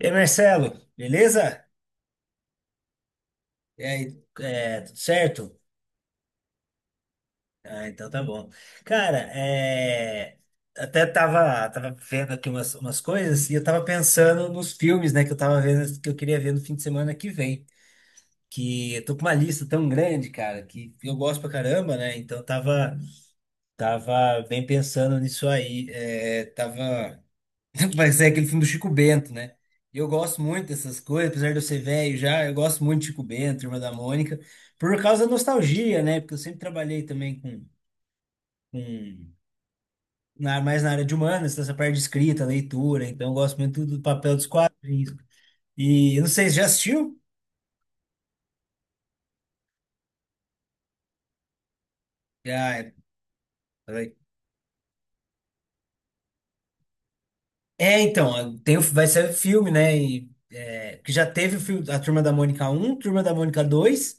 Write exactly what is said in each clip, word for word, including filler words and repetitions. E aí, Marcelo, beleza? E aí, é, tudo certo? Ah, então tá bom. Cara, é, até tava, tava vendo aqui umas, umas coisas e eu tava pensando nos filmes, né, que eu tava vendo, que eu queria ver no fim de semana que vem. Que eu tô com uma lista tão grande, cara, que eu gosto pra caramba, né? Então eu tava, tava bem pensando nisso aí. É, tava. Vai ser aquele filme do Chico Bento, né? E eu gosto muito dessas coisas, apesar de eu ser velho já, eu gosto muito de Chico Bento, Irmã da Mônica, por causa da nostalgia, né? Porque eu sempre trabalhei também com, com na, mais na área de humanas, dessa parte de escrita, leitura, então eu gosto muito do papel dos quadrinhos. E eu não sei, você já assistiu? Já, é, peraí. É, então, tem, o- vai ser filme, né? E, é, que já teve o filme, a Turma da Mônica um, Turma da Mônica dois.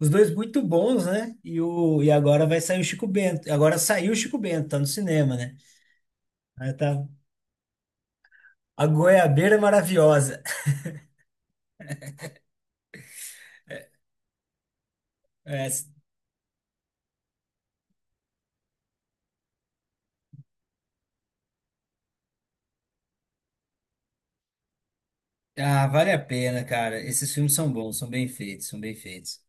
Os dois muito bons, né? E, o, e agora vai sair o Chico Bento. Agora saiu o Chico Bento, tá no cinema, né? Aí tá. A goiabeira é maravilhosa. É, ah, vale a pena, cara. Esses filmes são bons, são bem feitos, são bem feitos.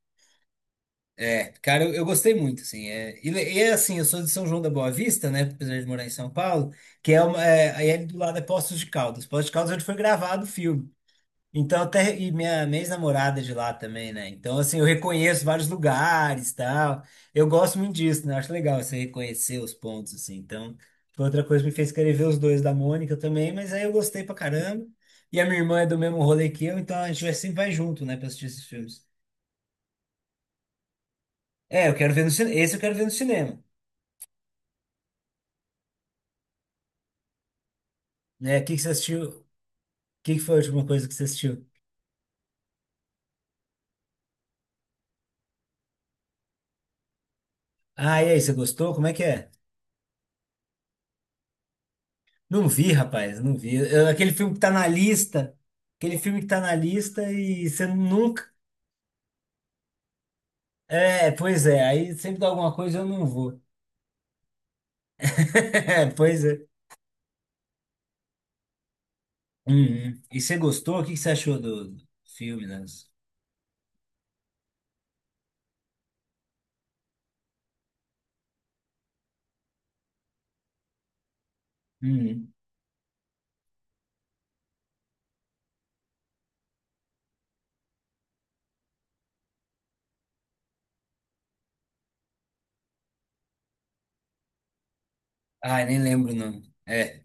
É, cara, eu, eu gostei muito, assim. É, e, le- e é assim, eu sou de São João da Boa Vista, né? Apesar de morar em São Paulo, que é uma. É, aí é ali do lado é Poços de Caldas. Poços de Caldas é onde foi gravado o filme. Então, até e minha, minha ex-namorada é de lá também, né? Então, assim, eu reconheço vários lugares, tal. Eu gosto muito disso, né? Eu acho legal você reconhecer os pontos, assim. Então, foi outra coisa que me fez querer ver os dois da Mônica também, mas aí eu gostei pra caramba. E a minha irmã é do mesmo rolê que eu, então a gente vai, sempre vai junto, né, pra assistir esses filmes. É, eu quero ver no cinema. Esse eu quero ver no cinema, né? O que que você assistiu? O que que foi a última coisa que você assistiu? Ah, e aí, você gostou? Como é que é? Não vi, rapaz, não vi. Eu- aquele filme que tá na lista, aquele filme que tá na lista e você nunca. É, pois é, aí sempre dá alguma coisa eu não vou. Pois é. Uhum. E você gostou? O que que você achou do do filme, né? Uhum. Ah, nem lembro o nome. É.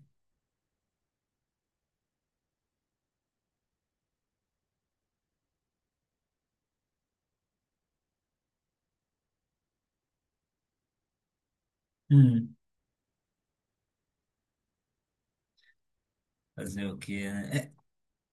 Uhum. Fazer o quê, né?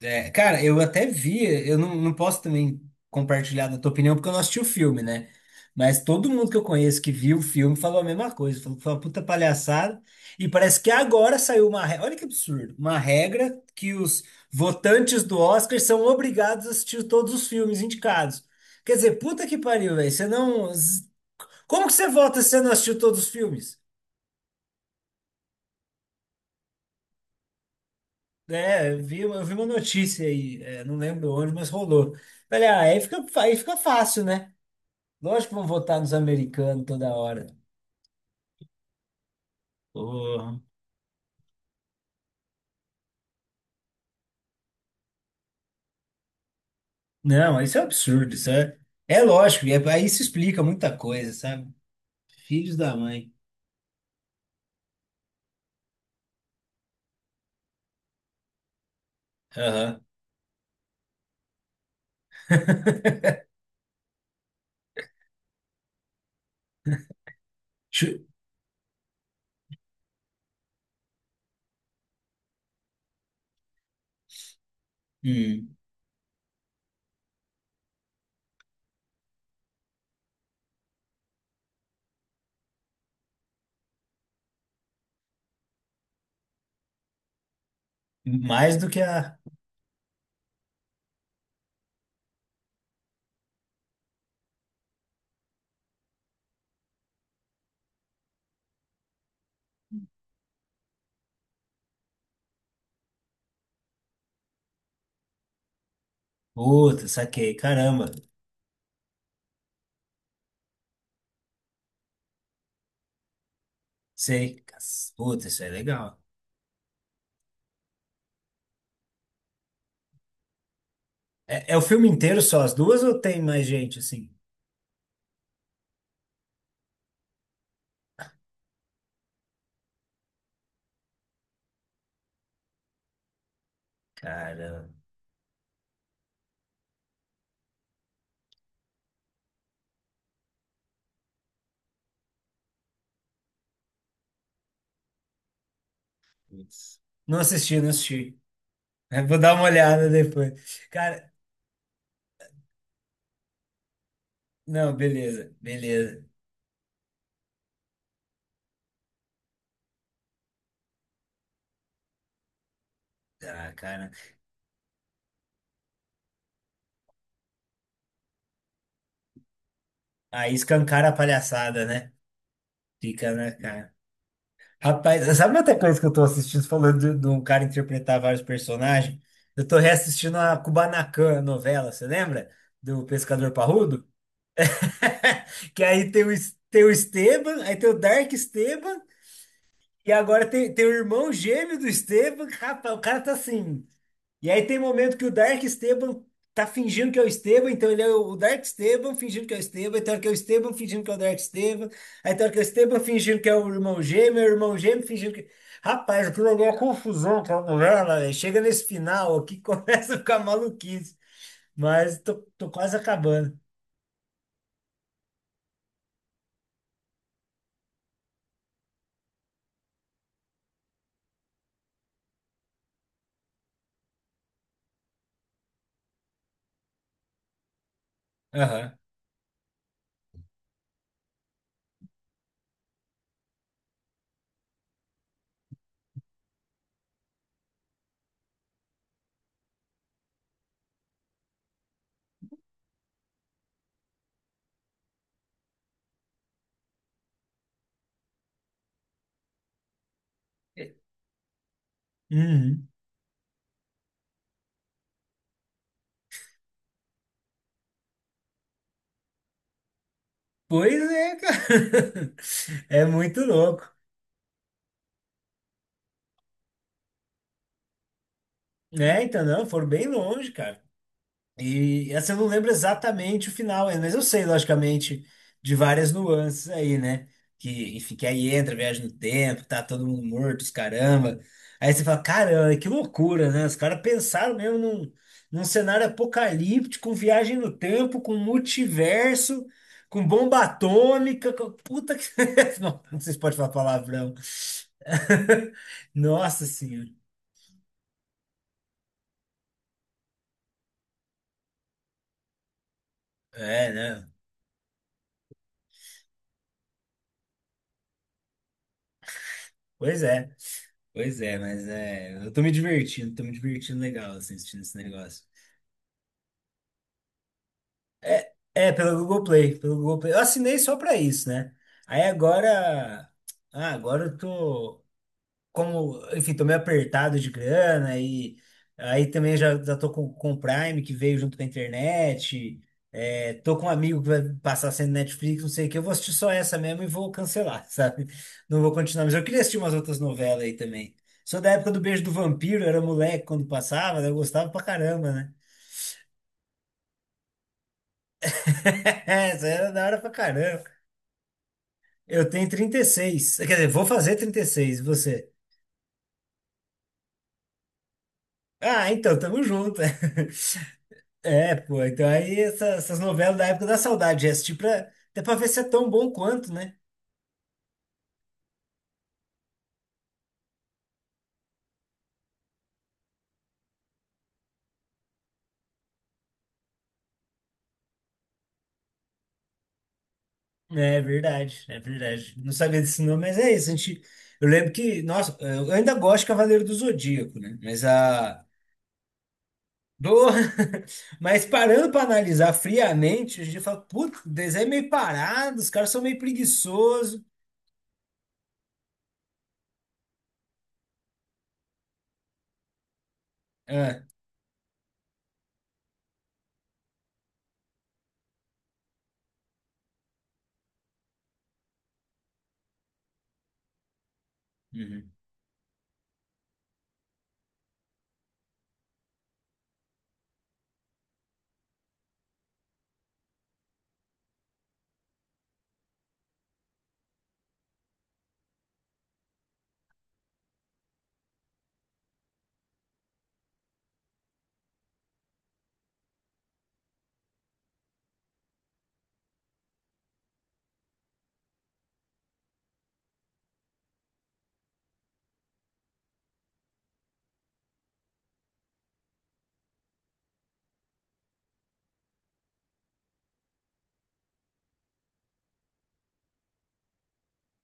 É, É, cara, eu até vi, eu não, não posso também compartilhar da tua opinião, porque eu não assisti o filme, né? Mas todo mundo que eu conheço que viu o filme falou a mesma coisa, falou que foi uma puta palhaçada. E parece que agora saiu uma regra, olha que absurdo, uma regra que os votantes do Oscar são obrigados a assistir todos os filmes indicados. Quer dizer, puta que pariu, velho, você não— z- Como que você vota se você não assistiu todos os filmes? É, eu vi, eu vi uma notícia aí, é, não lembro onde, mas rolou. Olha, aí fica, aí fica fácil, né? Lógico que vão votar nos americanos toda hora. Porra. Não, isso é um absurdo, isso é. É lógico, e é- aí isso explica muita coisa, sabe? Filhos da mãe. Aham. Chu- hum. Mais do que a. Puta, saquei. Caramba. Sei. Cas- Puta, isso é legal. É, é o filme inteiro só as duas ou tem mais gente assim? Caramba. Putz. Não assisti, não assisti. É, vou dar uma olhada depois. Cara, não, beleza, beleza. Ah, cara. Aí escancara a palhaçada, né? Fica na cara. Rapaz, sabe outra coisa que eu tô assistindo, falando de, de um cara interpretar vários personagens? Eu tô reassistindo a Kubanacan, a novela, você lembra? Do Pescador Parrudo? Que aí tem o, Es- tem o Esteban, aí tem o Dark Esteban, e agora tem, tem o irmão gêmeo do Esteban. Rapaz, o cara tá assim. E aí tem momento que o Dark Esteban tá fingindo que é o Esteban, então ele é o Dark Esteban fingindo que é o Esteban, aí tem hora que é o Esteban fingindo que é o Dark Esteban, aí tem hora que é o Esteban fingindo que é o irmão gêmeo, o irmão gêmeo fingindo que. Rapaz, aquilo ali é uma confusão com a mulher, lá, velho. Chega nesse final aqui, começa a ficar maluquice. Mas tô, tô quase acabando. Aham. Uhum. Pois é, cara. É muito louco. Né? Então, não, foram bem longe, cara. E essa eu não lembro exatamente o final ainda, mas eu sei, logicamente, de várias nuances aí, né? Que, enfim, que aí entra, a viagem no tempo, tá todo mundo morto, os caramba. Aí você fala, caramba, que loucura, né? Os caras pensaram mesmo num, num cenário apocalíptico, com viagem no tempo, com multiverso, com bomba atômica, com puta que. Não, não sei se pode falar palavrão. Nossa senhora. É, né? Pois é. Pois é, mas é, eu tô me divertindo, tô me divertindo legal assim, assistindo esse negócio. É, é pelo Google Play, pelo Google Play. Eu assinei só pra isso, né? Aí agora, ah, agora eu tô como, enfim, tô meio apertado de grana e aí também já, já tô com, com o Prime que veio junto com a internet. É, tô com um amigo que vai passar sendo Netflix, não sei o que. Eu vou assistir só essa mesmo e vou cancelar, sabe? Não vou continuar. Mas eu queria assistir umas outras novelas aí também. Sou da época do Beijo do Vampiro, eu era moleque quando passava, né? Eu gostava pra caramba, né? Essa era da hora pra caramba. Eu tenho trinta e seis. Quer dizer, vou fazer trinta e seis, e seis. E você? Ah, então, tamo junto. É, pô, então aí essa- essas novelas da época da saudade, já assisti pra, até pra ver se é tão bom quanto, né? É verdade, é verdade. Não sabia desse nome, mas é isso. A gente, eu lembro que, nossa, eu ainda gosto de Cavaleiro do Zodíaco, né? Mas a. Do... Mas parando pra analisar friamente, a gente fala, putz, o desenho é meio parado, os caras são meio preguiçosos. Ah, uhum.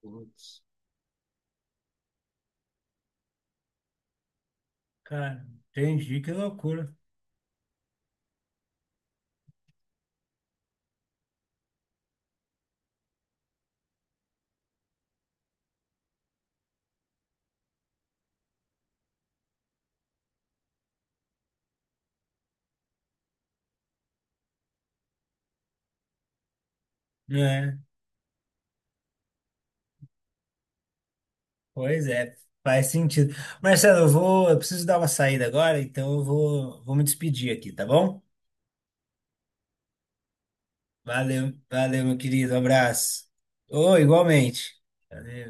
Putz. Cara, entendi, que loucura. É. Pois é, faz sentido. Marcelo, eu vou, eu preciso dar uma saída agora, então eu vou, vou me despedir aqui, tá bom? Valeu, valeu, meu querido, um abraço. Ô, igualmente. Valeu.